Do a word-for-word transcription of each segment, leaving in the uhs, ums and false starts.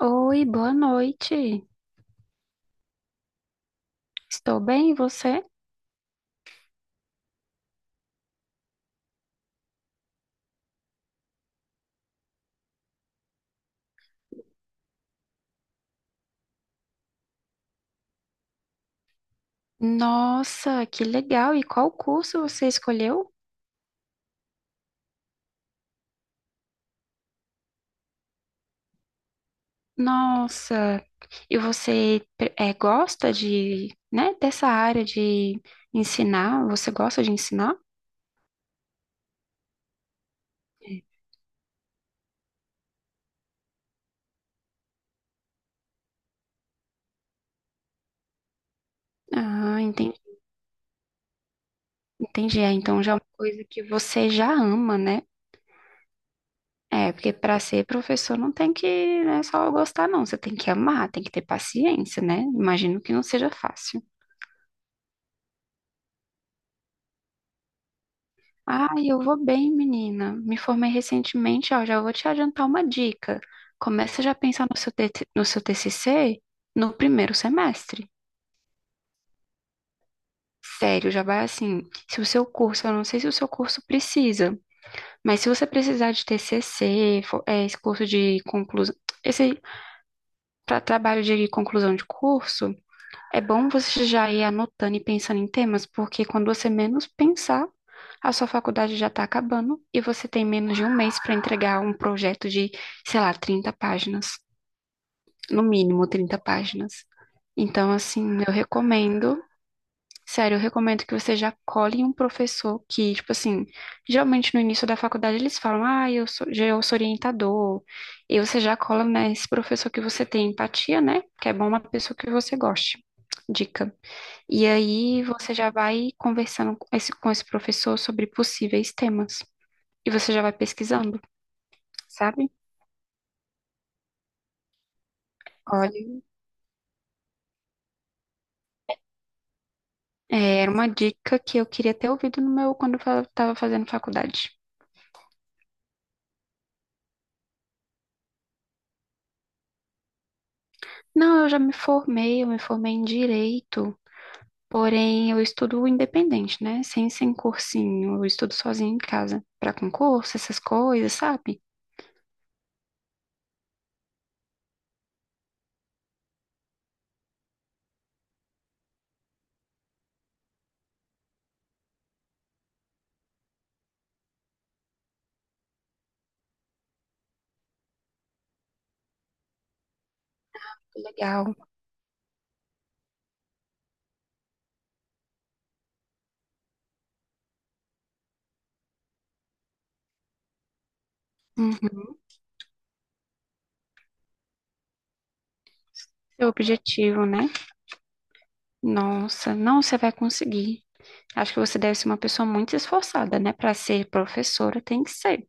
Oi, boa noite. Estou bem, e você? Nossa, que legal! E qual curso você escolheu? Nossa, e você é gosta de, né, dessa área de ensinar? Você gosta de ensinar? Ah, entendi. Entendi. É, então já é uma coisa que você já ama, né? É, porque para ser professor não tem que, né, só gostar, não. Você tem que amar, tem que ter paciência, né? Imagino que não seja fácil. Ai, eu vou bem, menina. Me formei recentemente, ó, já vou te adiantar uma dica. Começa já a pensar no seu, T T no seu T C C no primeiro semestre. Sério, já vai assim. Se o seu curso, eu não sei se o seu curso precisa, mas se você precisar de T C C, fo- é, esse curso de conclusão, esse para trabalho de conclusão de curso, é bom você já ir anotando e pensando em temas, porque quando você menos pensar, a sua faculdade já está acabando e você tem menos de um mês para entregar um projeto de, sei lá, trinta páginas, no mínimo trinta páginas. Então, assim, eu recomendo, sério, eu recomendo que você já cole em um professor que, tipo assim, geralmente no início da faculdade eles falam, ah, eu sou, já- eu sou orientador, e você já cola nesse professor que você tem empatia, né? Que é bom uma pessoa que você goste. Dica. E aí você já vai conversando com esse, com esse professor sobre possíveis temas. E você já vai pesquisando, sabe? Olha, é, era uma dica que eu queria ter ouvido no meu quando eu estava fazendo faculdade. Não, eu já me formei, eu me formei em direito, porém eu estudo independente, né? Sem, sem cursinho, eu estudo sozinha em casa, para concurso, essas coisas, sabe? Legal. Uhum. Seu objetivo, né? Nossa, não, você vai conseguir. Acho que você deve ser uma pessoa muito esforçada, né? Para ser professora, tem que ser.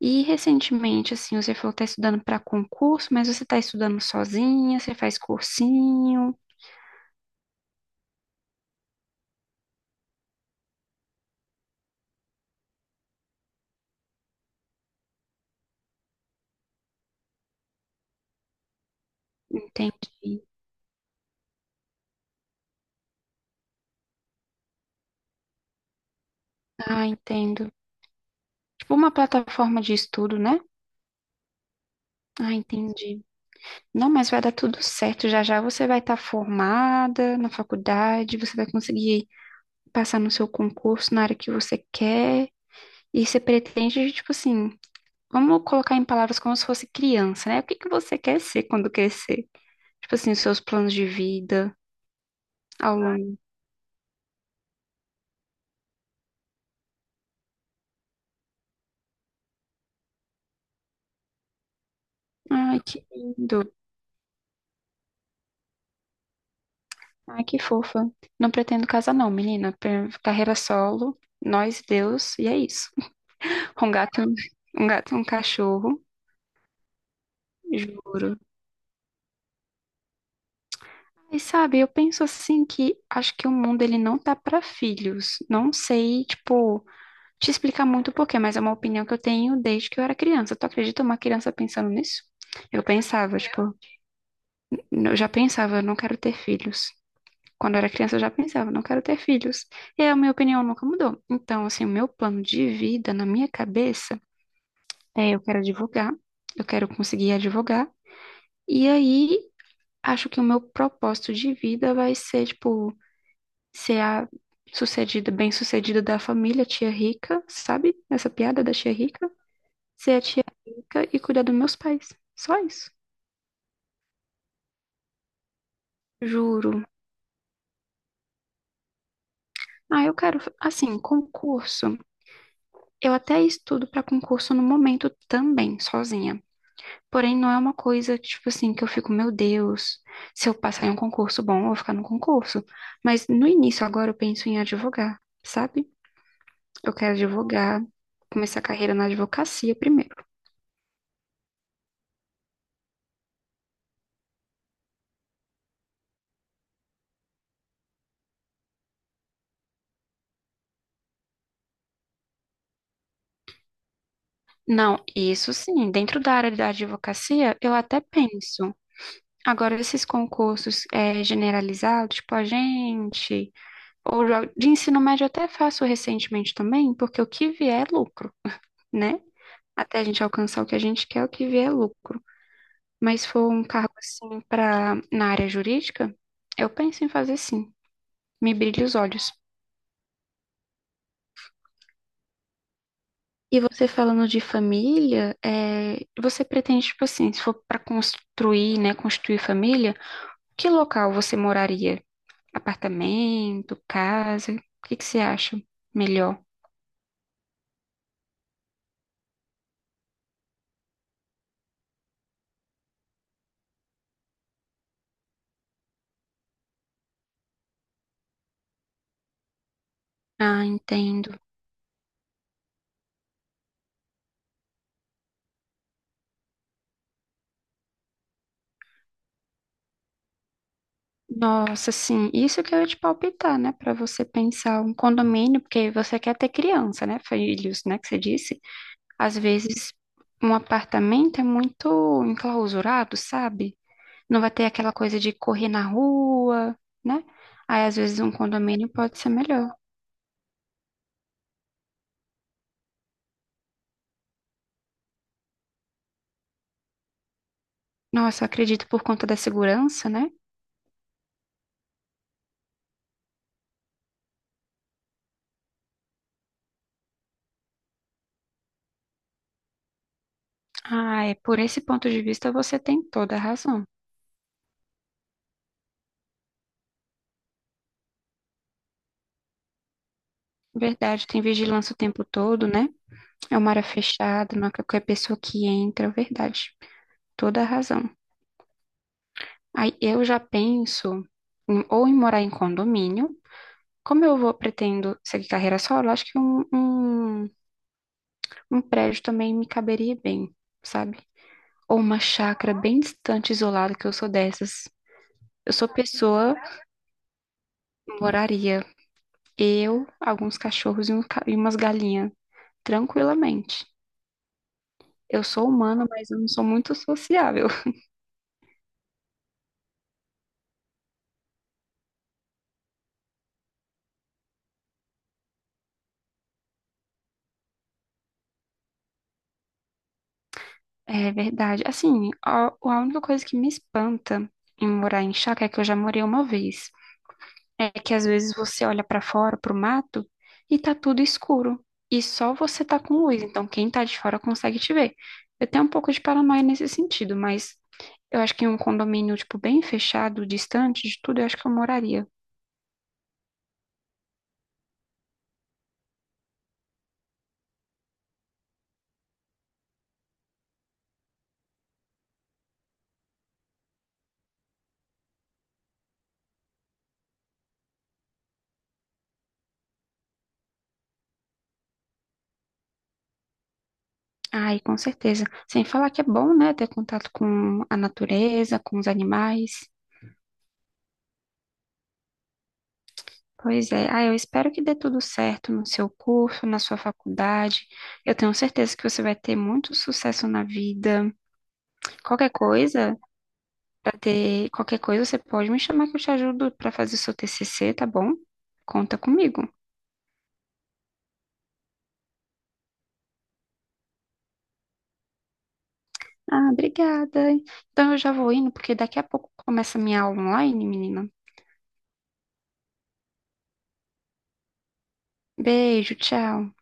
E recentemente, assim, você falou que está estudando para concurso, mas você está estudando sozinha, você faz cursinho. Entendi. Ah, entendo. Tipo uma plataforma de estudo, né? Ah, entendi. Não, mas vai dar tudo certo. Já já você vai estar formada na faculdade, você vai conseguir passar no seu concurso na área que você quer. E você pretende, tipo assim, vamos colocar em palavras como se fosse criança, né? O que que você quer ser quando crescer? Tipo assim, os seus planos de vida ao longo. Ai, que lindo. Ai, que fofa. Não pretendo casar, não, menina. Per- Carreira solo, nós, Deus, e é isso. Um gato, um um gato, e um cachorro, juro. E sabe, eu penso assim que acho que o mundo ele não tá pra filhos. Não sei, tipo, te explicar muito o porquê, mas é uma opinião que eu tenho desde que eu era criança. Tu acredita uma criança pensando nisso? Eu pensava, tipo, eu já pensava, não quero ter filhos. Quando eu era criança, eu já pensava, não quero ter filhos. E a minha opinião nunca mudou. Então, assim, o meu plano de vida na minha cabeça é eu quero advogar, eu quero conseguir advogar. E aí, acho que o meu propósito de vida vai ser, tipo, ser a sucedida, bem-sucedida da família, tia rica, sabe? Essa piada da tia rica? Ser a tia rica e cuidar dos meus pais. Só isso. Juro. Ah, eu quero, assim, concurso. Eu até estudo para concurso no momento também, sozinha. Porém, não é uma coisa, tipo assim, que eu fico, meu Deus, se eu passar em um concurso bom, eu vou ficar no concurso. Mas no início, agora, eu penso em advogar, sabe? Eu quero advogar, começar a carreira na advocacia primeiro. Não, isso sim, dentro da área da advocacia, eu até penso. Agora, esses concursos eh, generalizados, tipo agente, ou jo- de ensino médio, eu até faço recentemente também, porque o que vier é lucro né? Até a gente alcançar o que a gente quer, o que vier é lucro. Mas se for um cargo assim para na área jurídica, eu penso em fazer sim. Me brilha os olhos. E você falando de família, é, você pretende, tipo assim, se for para construir, né, construir família, que local você moraria? Apartamento, casa? O que que você acha melhor? Ah, entendo. Nossa, sim, isso que eu ia te palpitar, né? Para você pensar um condomínio, porque você quer ter criança, né? Filhos, né? Que você disse. Às vezes, um apartamento é muito enclausurado, sabe? Não vai ter aquela coisa de correr na rua, né? Aí, às vezes, um condomínio pode ser melhor. Nossa, eu acredito por conta da segurança, né? Ah, é por esse ponto de vista você tem toda a razão. Verdade, tem vigilância o tempo todo, né? É uma área fechada, não é qualquer pessoa que entra, é verdade. Toda a razão. Aí eu já penso em- ou em morar em condomínio. Como eu vou pretendo seguir carreira solo, acho que um, um, um prédio também me caberia bem, sabe? Ou uma chácara bem distante, isolada, que eu sou dessas. Eu sou pessoa, moraria eu, alguns cachorros e, um ca- e umas galinhas, tranquilamente. Eu sou humana, mas eu não sou muito sociável. É verdade. Assim, a, a única coisa que me espanta em morar em chácara é que eu já morei uma vez. É que às vezes você olha para fora, pro mato, e tá tudo escuro. E só você tá com luz, então quem tá de fora consegue te ver. Eu tenho um pouco de paranoia nesse sentido, mas eu acho que em um condomínio, tipo, bem fechado, distante de tudo, eu acho que eu moraria. Ai, com certeza. Sem falar que é bom, né, ter contato com a natureza, com os animais. Pois é. Ah, eu espero que dê tudo certo no seu curso, na sua faculdade. Eu tenho certeza que você vai ter muito sucesso na vida. Qualquer coisa, pra ter qualquer coisa, você pode me chamar que eu te ajudo pra fazer seu T C C, tá bom? Conta comigo. Ah, obrigada. Então eu já vou indo, porque daqui a pouco começa a minha aula online, menina. Beijo, tchau.